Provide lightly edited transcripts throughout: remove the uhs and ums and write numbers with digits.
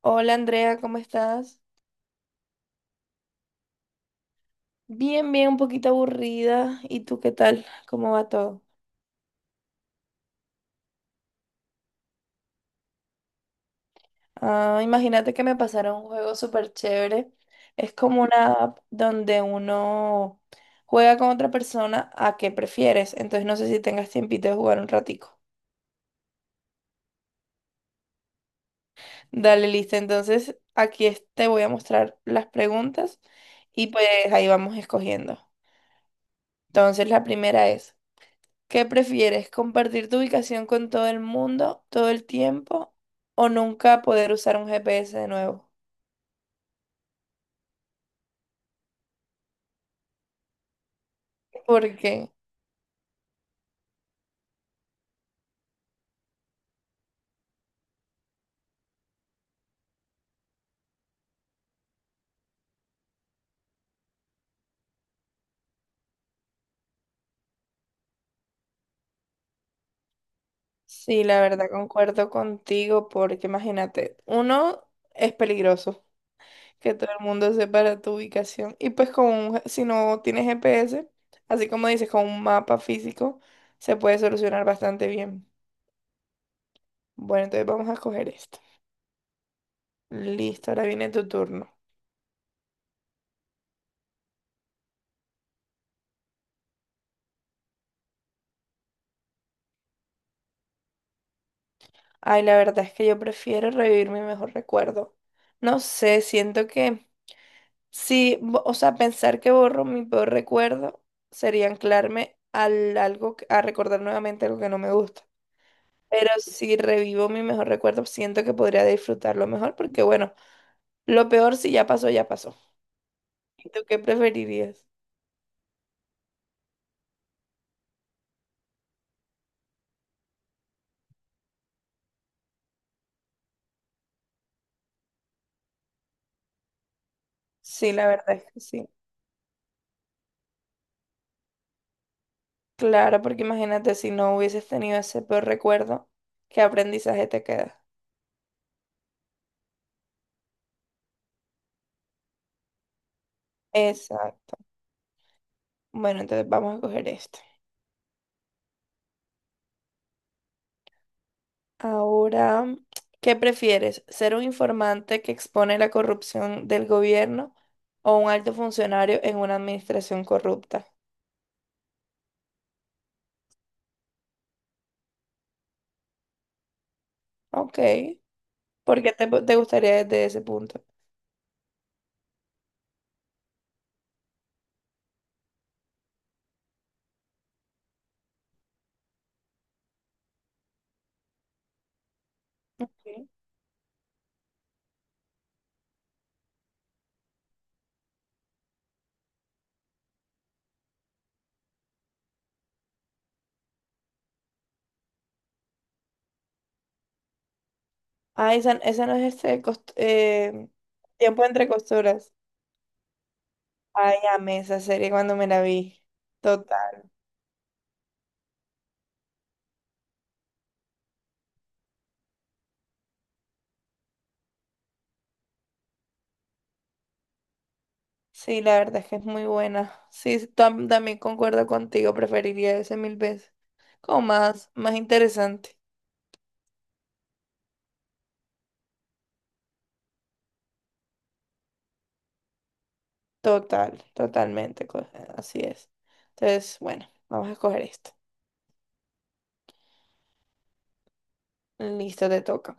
Hola Andrea, ¿cómo estás? Bien, bien, un poquito aburrida. ¿Y tú qué tal? ¿Cómo va todo? Ah, imagínate que me pasaron un juego súper chévere. Es como una app donde uno juega con otra persona a qué prefieres. Entonces no sé si tengas tiempito de jugar un ratico. Dale, listo. Entonces te voy a mostrar las preguntas y pues ahí vamos escogiendo. Entonces la primera es... ¿Qué prefieres? ¿Compartir tu ubicación con todo el mundo todo el tiempo o nunca poder usar un GPS de nuevo? Porque sí, la verdad concuerdo contigo porque imagínate, uno es peligroso que todo el mundo sepa tu ubicación y pues si no tienes GPS, así como dices, con un mapa físico se puede solucionar bastante bien. Bueno, entonces vamos a coger esto. Listo, ahora viene tu turno. Ay, la verdad es que yo prefiero revivir mi mejor recuerdo. No sé, siento que sí, o sea, pensar que borro mi peor recuerdo sería anclarme al algo, a recordar nuevamente algo que no me gusta. Pero si revivo mi mejor recuerdo, siento que podría disfrutarlo mejor porque, bueno, lo peor si ya pasó, ya pasó. ¿Y tú qué preferirías? Sí, la verdad es que sí. Claro, porque imagínate si no hubieses tenido ese peor recuerdo, ¿qué aprendizaje te queda? Exacto. Bueno, entonces vamos a coger esto. Ahora, ¿qué prefieres? ¿Ser un informante que expone la corrupción del gobierno o un alto funcionario en una administración corrupta? Ok. ¿Por qué te gustaría desde ese punto? Sí. Ah, esa no es este tiempo entre costuras. Ay, amé esa serie cuando me la vi. Total. Sí, la verdad es que es muy buena. Sí, sí, también concuerdo contigo, preferiría ese mil veces. Como más, más interesante. Total, totalmente, co- así es. Entonces, bueno, vamos a escoger esto. Listo, te toca.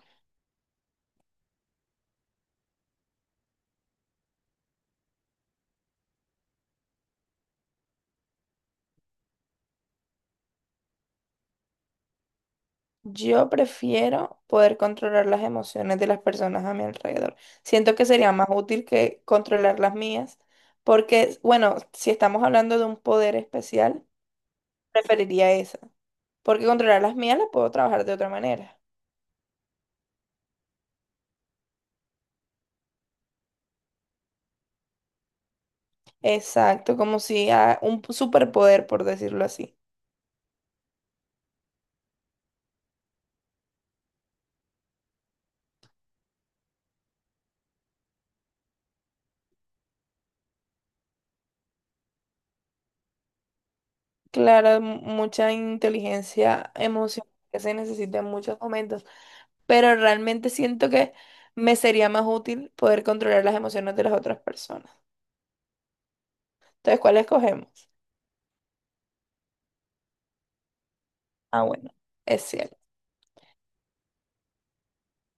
Yo prefiero poder controlar las emociones de las personas a mi alrededor. Siento que sería más útil que controlar las mías, porque, bueno, si estamos hablando de un poder especial, preferiría esa, porque controlar las mías las puedo trabajar de otra manera. Exacto, como si a un superpoder, por decirlo así. Claro, mucha inteligencia emocional que se necesita en muchos momentos. Pero realmente siento que me sería más útil poder controlar las emociones de las otras personas. Entonces, ¿cuál escogemos? Ah, bueno, es cierto.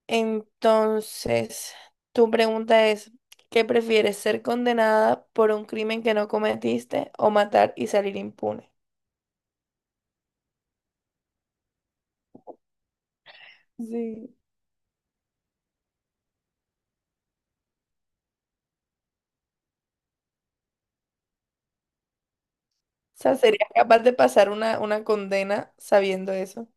Entonces, tu pregunta es, ¿qué prefieres, ser condenada por un crimen que no cometiste o matar y salir impune? Sí. O sea, ¿serías capaz de pasar una condena sabiendo eso?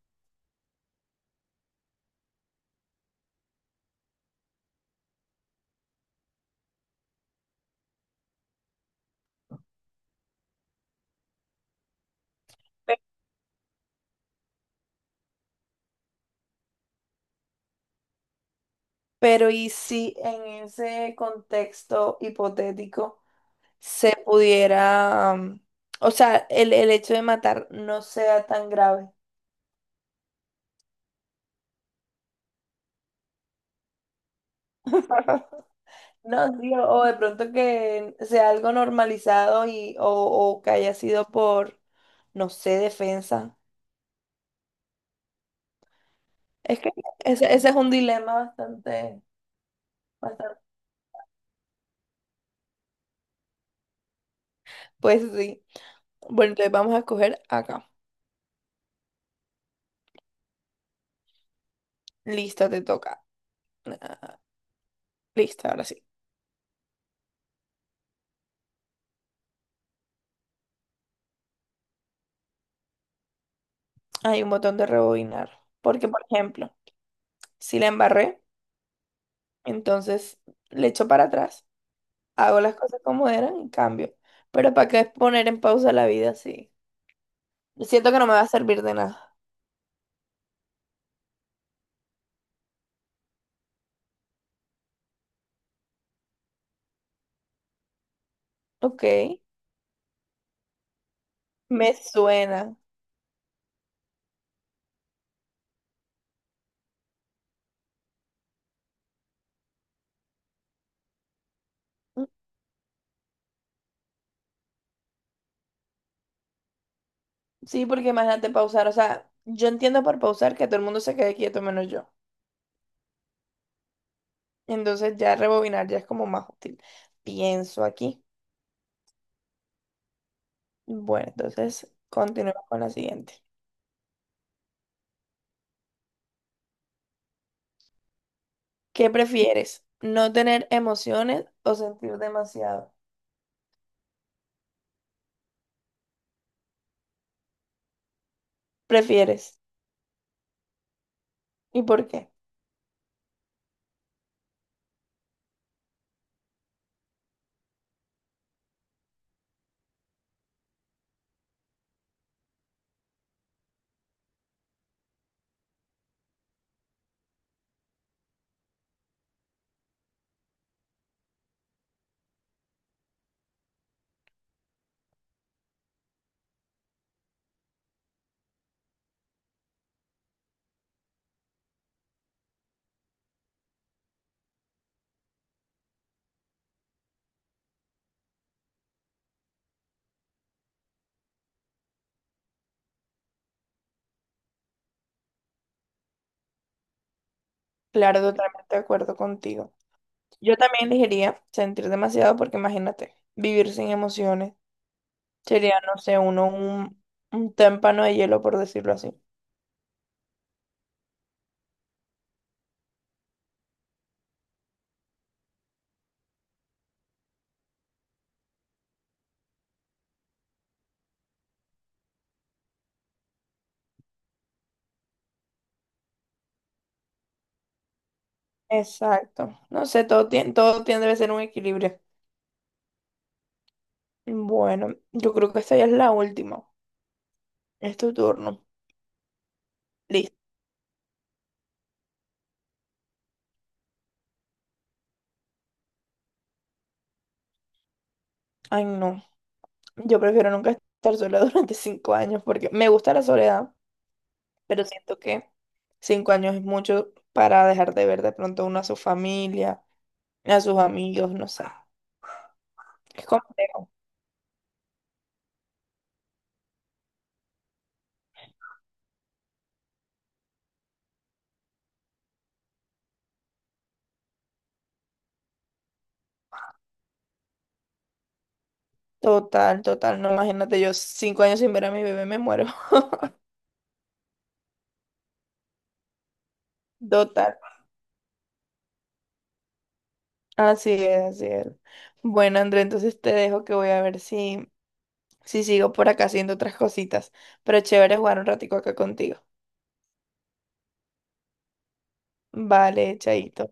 Pe- Pero ¿y si en ese contexto hipotético se pudiera, o sea, el hecho de matar no sea tan grave? No, sí, o de pronto que sea algo normalizado y, o que haya sido por, no sé, defensa. Es que ese es un dilema bastante, bastante. Pues sí. Bueno, entonces vamos a escoger acá. Listo, te toca. Ah, listo, ahora sí. Hay un botón de rebobinar. Porque, por ejemplo, si la embarré, entonces le echo para atrás, hago las cosas como eran y cambio. Pero ¿para qué poner en pausa la vida así? Siento que no me va a servir de nada. Ok, me suena. Mm, sí, porque imagínate pausar, o sea, yo entiendo por pausar que todo el mundo se quede quieto menos yo. Entonces ya rebobinar ya es como más útil. Pienso aquí. Bueno, entonces continuemos con la siguiente. ¿Qué prefieres? ¿No tener emociones o sentir demasiado? ¿Prefieres? ¿Y por qué? Claro, totalmente de acuerdo contigo. Yo también elegiría sentir demasiado porque imagínate, vivir sin emociones sería, no sé, uno un témpano de hielo, por decirlo así. Exacto. No sé, todo tiene, debe ser un equilibrio. Bueno, yo creo que esta ya es la última. Es tu turno. Listo. Ay, no. Yo prefiero nunca estar sola durante cinco años porque me gusta la soledad, pero siento que cinco años es mucho para dejar de ver de pronto uno a su familia, a sus amigos, no sé. Es complejo. Total, total. No, imagínate, yo cinco años sin ver a mi bebé me muero. Total. Así es, así es. Bueno, André, entonces te dejo que voy a ver si si sigo por acá haciendo otras cositas. Pero chévere jugar un ratico acá contigo. Vale, chaito.